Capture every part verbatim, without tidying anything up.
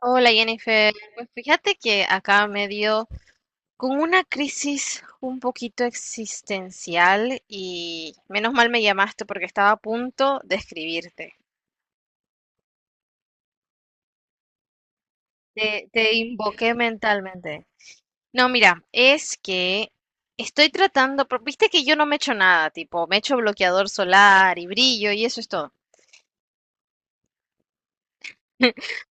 Hola Jennifer, pues fíjate que acá me dio con una crisis un poquito existencial y menos mal me llamaste porque estaba a punto de escribirte. Te, te invoqué mentalmente. No, mira, es que estoy tratando, pero viste que yo no me echo nada, tipo, me echo bloqueador solar y brillo y eso es todo.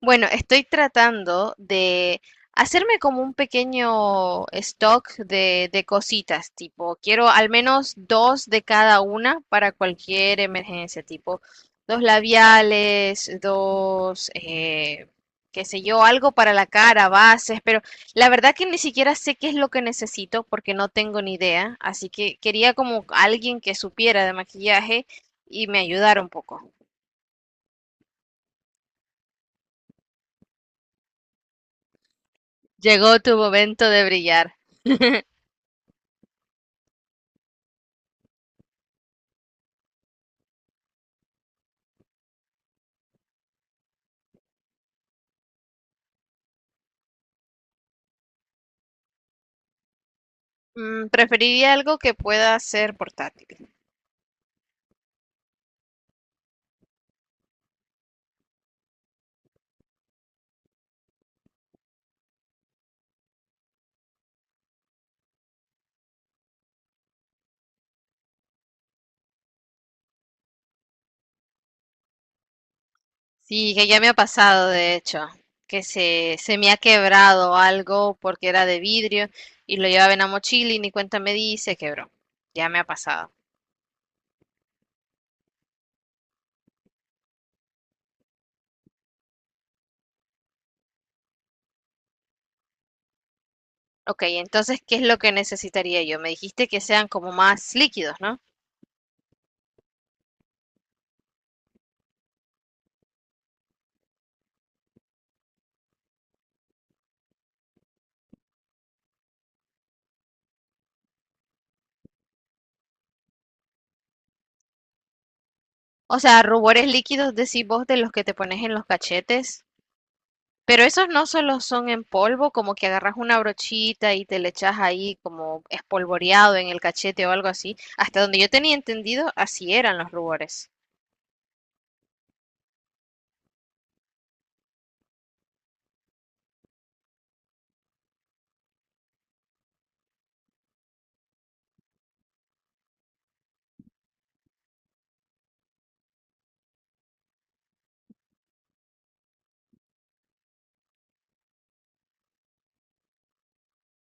Bueno, estoy tratando de hacerme como un pequeño stock de, de cositas, tipo, quiero al menos dos de cada una para cualquier emergencia, tipo, dos labiales, dos, eh, qué sé yo, algo para la cara, bases, pero la verdad que ni siquiera sé qué es lo que necesito porque no tengo ni idea, así que quería como alguien que supiera de maquillaje y me ayudara un poco. Llegó tu momento de brillar. Mm, preferiría algo que pueda ser portátil. Sí, que ya me ha pasado, de hecho, que se, se me ha quebrado algo porque era de vidrio y lo llevaba en la mochila y ni cuenta me di y se quebró. Ya me ha pasado. Ok, entonces, ¿qué es lo que necesitaría yo? Me dijiste que sean como más líquidos, ¿no? O sea, rubores líquidos, decís vos, de los que te pones en los cachetes. Pero esos no solo son en polvo, como que agarras una brochita y te le echas ahí como espolvoreado en el cachete o algo así. Hasta donde yo tenía entendido, así eran los rubores.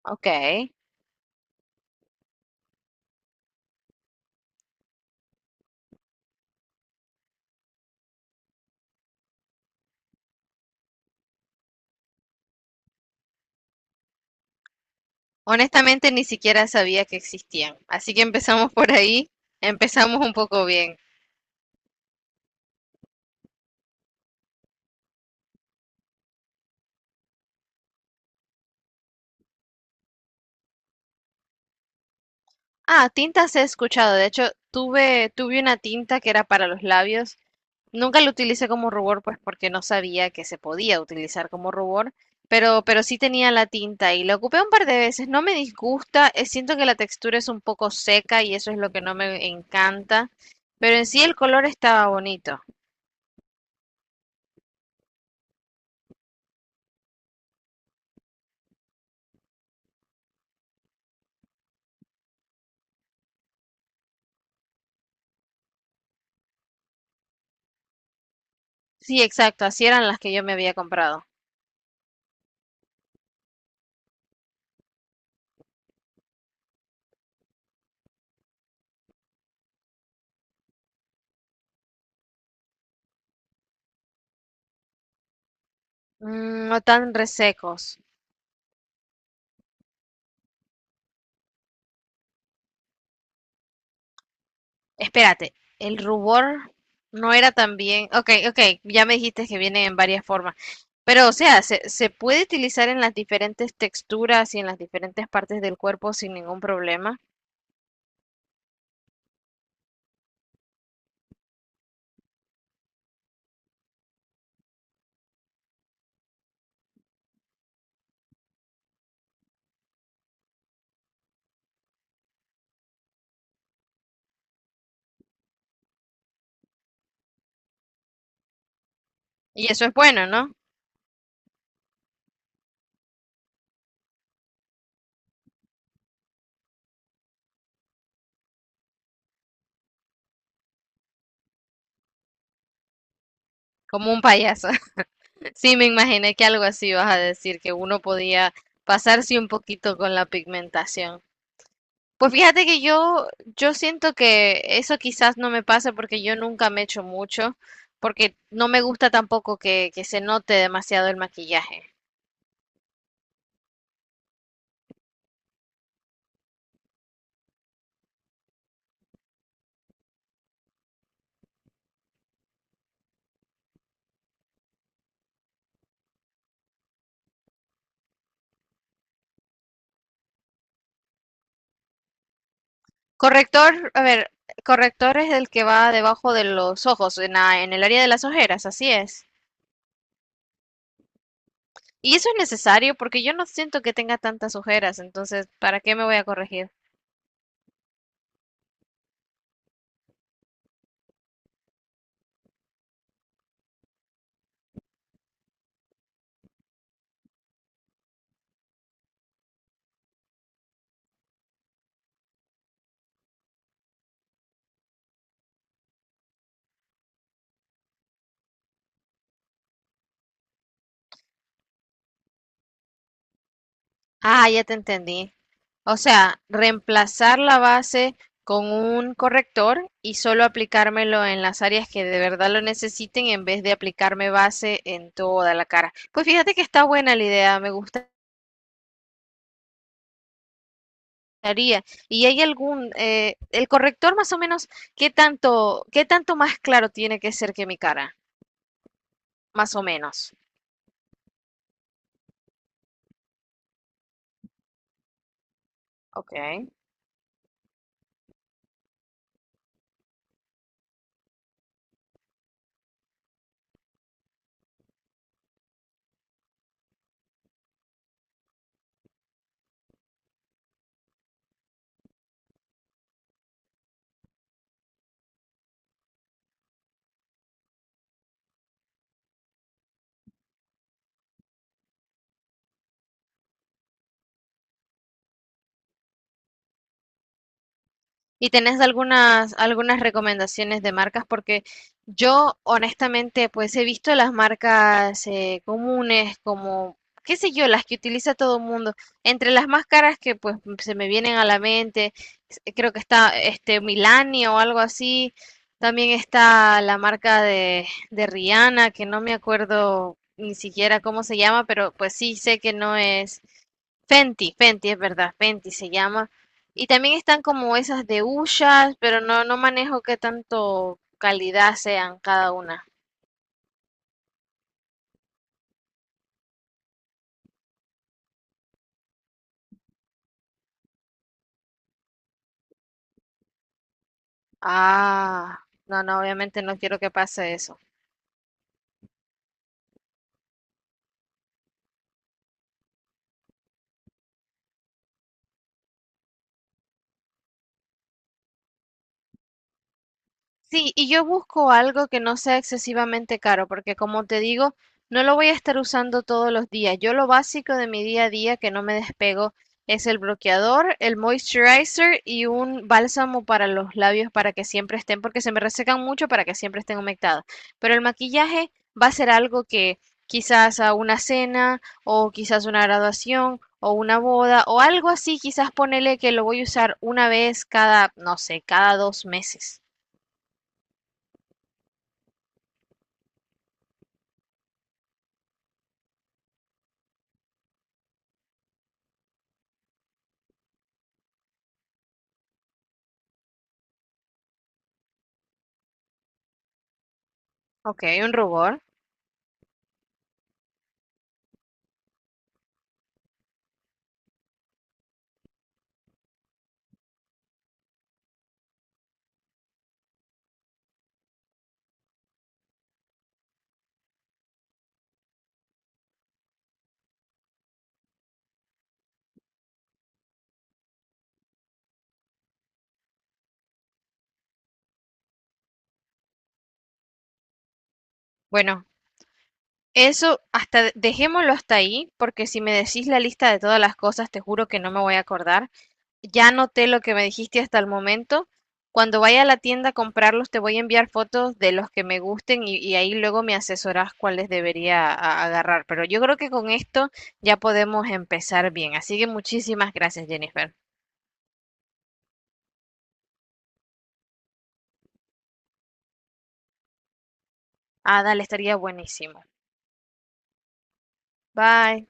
Ok. Honestamente, ni siquiera sabía que existían. Así que empezamos por ahí. Empezamos un poco bien. Ah, tintas he escuchado. De hecho, tuve, tuve una tinta que era para los labios. Nunca lo utilicé como rubor, pues porque no sabía que se podía utilizar como rubor, pero, pero sí tenía la tinta y la ocupé un par de veces. No me disgusta, eh, siento que la textura es un poco seca y eso es lo que no me encanta, pero en sí el color estaba bonito. Sí, exacto, así eran las que yo me había comprado. Mm, no tan resecos. Espérate, el rubor no era tan bien. Ok, ok, ya me dijiste que viene en varias formas. Pero, o sea, se, se puede utilizar en las diferentes texturas y en las diferentes partes del cuerpo sin ningún problema. Y eso es bueno, ¿no? Como un payaso. Sí, me imaginé que algo así vas a decir, que uno podía pasarse un poquito con la pigmentación. Pues fíjate que yo, yo siento que eso quizás no me pasa porque yo nunca me echo mucho, porque no me gusta tampoco que, que se note demasiado el maquillaje. Corrector, a ver, corrector es el que va debajo de los ojos, en la- en el área de las ojeras, así es. Y eso es necesario porque yo no siento que tenga tantas ojeras, entonces, ¿para qué me voy a corregir? Ah, ya te entendí. O sea, reemplazar la base con un corrector y solo aplicármelo en las áreas que de verdad lo necesiten en vez de aplicarme base en toda la cara. Pues fíjate que está buena la idea, me gustaría. ¿Y hay algún, eh, el corrector más o menos, qué tanto, qué tanto más claro tiene que ser que mi cara? Más o menos. Ok. ¿Y tenés algunas, algunas recomendaciones de marcas? Porque yo honestamente pues he visto las marcas eh, comunes como, qué sé yo, las que utiliza todo el mundo. Entre las más caras que pues se me vienen a la mente, s- creo que está este Milani o algo así. También está la marca de, de Rihanna, que no me acuerdo ni siquiera cómo se llama, pero pues sí sé que no es Fenty, Fenty es verdad, Fenty se llama. Y también están como esas de Ushas, pero no, no manejo qué tanto calidad sean cada una. Ah, no, no, obviamente no quiero que pase eso. Sí, y yo busco algo que no sea excesivamente caro, porque como te digo, no lo voy a estar usando todos los días. Yo lo básico de mi día a día que no me despego es el bloqueador, el moisturizer y un bálsamo para los labios para que siempre estén, porque se me resecan mucho para que siempre estén humectados. Pero el maquillaje va a ser algo que quizás a una cena o quizás una graduación o una boda o algo así, quizás ponele que lo voy a usar una vez cada, no sé, cada dos meses. Ok, un rubor. Bueno, eso hasta dejémoslo hasta ahí, porque si me decís la lista de todas las cosas, te juro que no me voy a acordar. Ya noté lo que me dijiste hasta el momento. Cuando vaya a la tienda a comprarlos, te voy a enviar fotos de los que me gusten y, y ahí luego me asesorás cuáles debería a- agarrar. Pero yo creo que con esto ya podemos empezar bien. Así que muchísimas gracias, Jennifer. Ah, dale, estaría buenísimo. Bye.